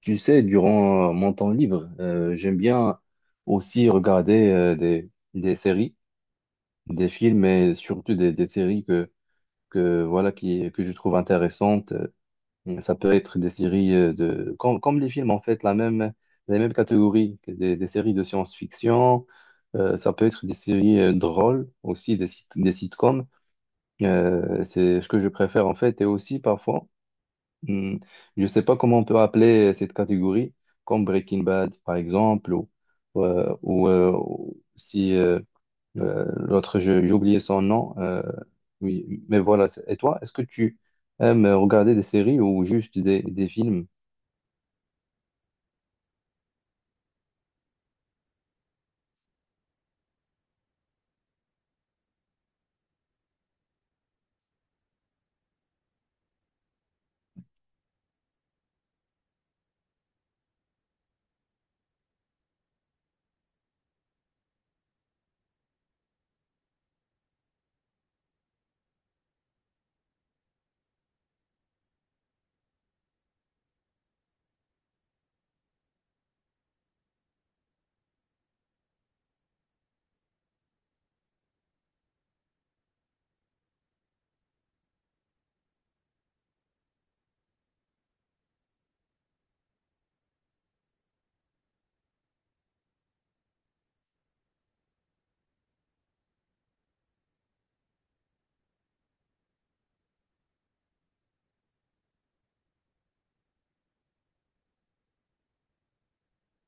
Tu sais, durant mon temps libre, j'aime bien aussi regarder des séries, des films, mais surtout des séries voilà, que je trouve intéressantes. Ça peut être des séries comme, comme les films, en fait, la même catégorie, que des séries de science-fiction. Ça peut être des séries drôles aussi, des sitcoms. C'est ce que je préfère, en fait, et aussi parfois. Hmm. Je ne sais pas comment on peut appeler cette catégorie, comme Breaking Bad par exemple, ou si l'autre, j'ai oublié son nom. Oui, mais voilà. Et toi, est-ce que tu aimes regarder des séries ou juste des films?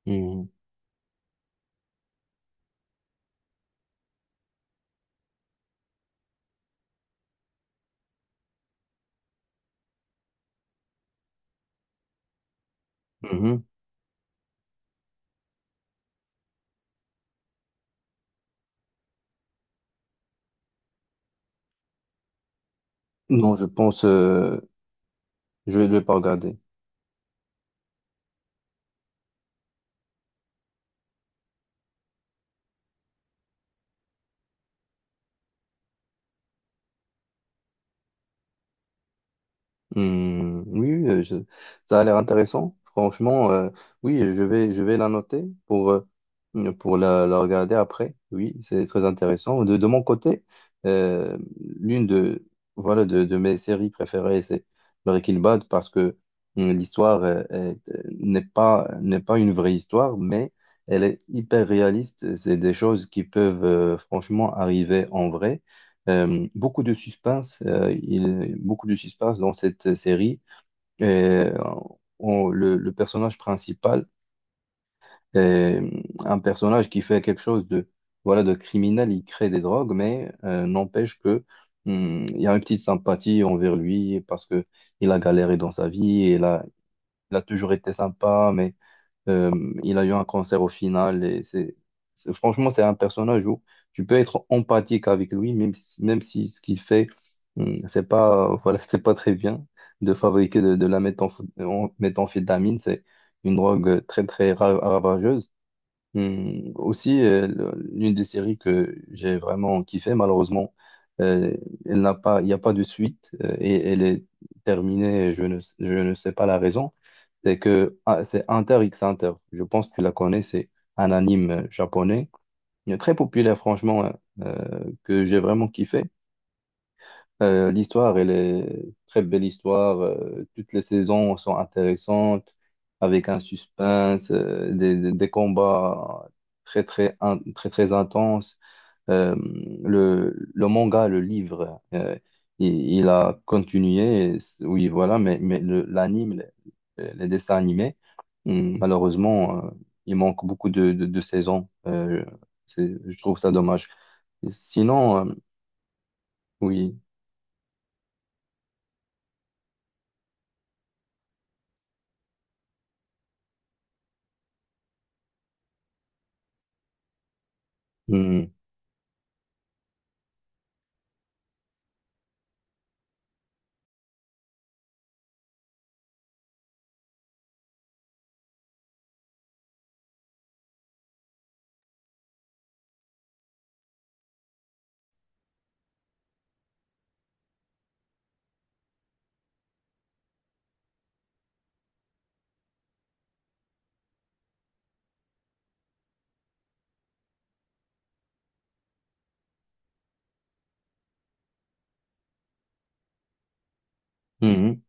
Hmm. Mhm. Non, je pense, je ne vais pas regarder. Hmm, oui, oui, ça a l'air intéressant. Franchement, oui, je vais la noter pour la regarder après. Oui, c'est très intéressant. De mon côté, euh, l'une de, voilà, de mes séries préférées, c'est Breaking Bad parce que l'histoire n'est pas une vraie histoire, mais elle est hyper réaliste. C'est des choses qui peuvent franchement arriver en vrai. Beaucoup de suspense, beaucoup de suspense dans cette série. Euh, le personnage principal est un personnage qui fait quelque chose de, voilà, de criminel, il crée des drogues, mais n'empêche que il y a une petite sympathie envers lui parce que il a galéré dans sa vie, il a toujours été sympa, mais euh, il a eu un cancer au final et franchement, c'est un personnage où tu peux être empathique avec lui, même si ce qu'il fait, c'est pas, voilà, c'est pas très bien de fabriquer de la méthamphétamine. C'est une drogue très, ravageuse. Aussi, l'une des séries que j'ai vraiment kiffé, malheureusement, euh, elle n'a pas, il n'y a pas de suite et elle est terminée. Je ne sais pas la raison. C'est que c'est Hunter x Hunter. Je pense que tu la connais. C'est un anime japonais très populaire, franchement, hein, que j'ai vraiment kiffé. L'histoire, elle est très belle histoire. Toutes les saisons sont intéressantes, avec un suspense, des combats très très intenses. Euh, le manga, le livre, il a continué. Oui, voilà, mais l'anime, les dessins animés, malheureusement, il manque beaucoup de saisons. Je trouve ça dommage. Sinon, oui. Hum, hum.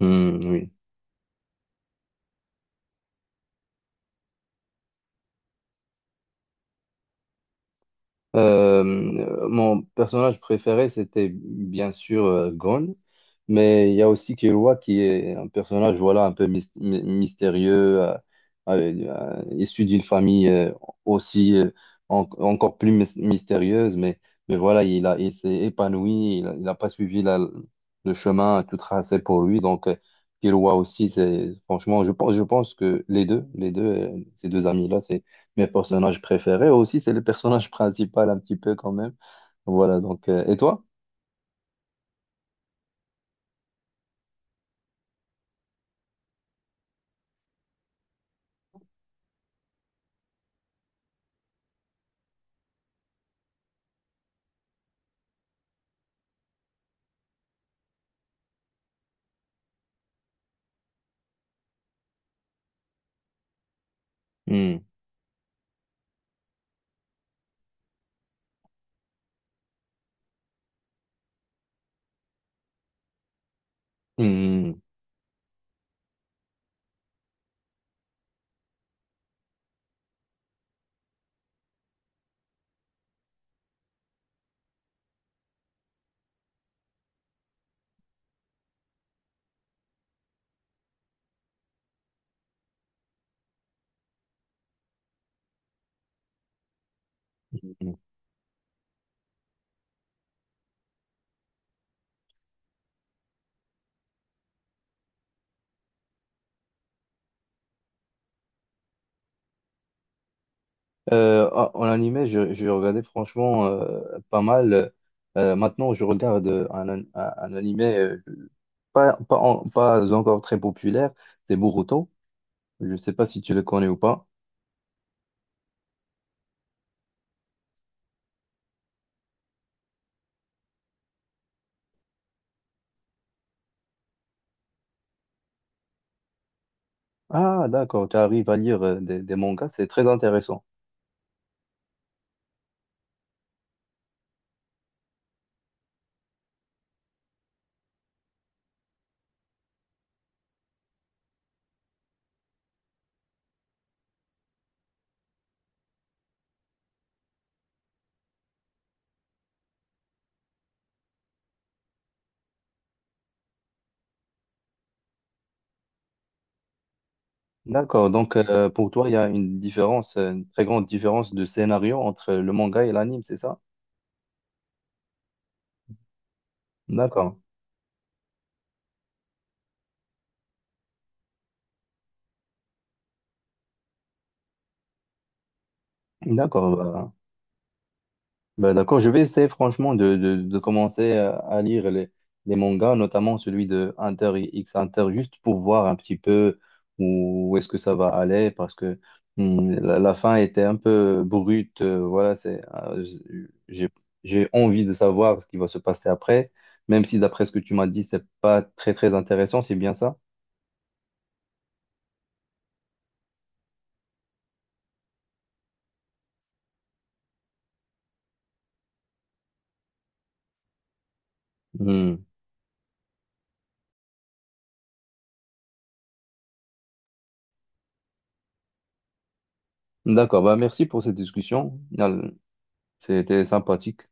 Hmm, oui. Euh, Mon personnage préféré, c'était bien sûr Gon, mais il y a aussi Killua qui est un personnage voilà, un peu mystérieux, issu d'une famille aussi encore plus mystérieuse, mais voilà, il s'est épanoui, il n'a pas suivi le chemin tout tracé pour lui, donc Killua aussi, c'est franchement, je pense que les deux, ces deux amis-là, c'est mes personnages préférés. Aussi, c'est le personnage principal un petit peu quand même. Voilà, donc, et toi? Hmm. Hmm. Hmm, hmm. En en animé, je regardais franchement pas mal. Maintenant, je regarde un animé pas encore très populaire, c'est Boruto. Je ne sais pas si tu le connais ou pas. Ah, d'accord, tu arrives à lire des mangas, c'est très intéressant. D'accord, donc pour toi, il y a une différence, une très grande différence de scénario entre le manga et l'anime, c'est ça? D'accord, d'accord, bah, bah, d'accord. Je vais essayer franchement de commencer à lire les mangas, notamment celui de Hunter X Hunter, juste pour voir un petit peu où est-ce que ça va aller, parce que la fin était un peu brute. J'ai, j'ai envie de savoir ce qui va se passer après, même si d'après ce que tu m'as dit, c'est pas très très intéressant, c'est bien ça? Hmm. D'accord, bah merci pour cette discussion. C'était sympathique.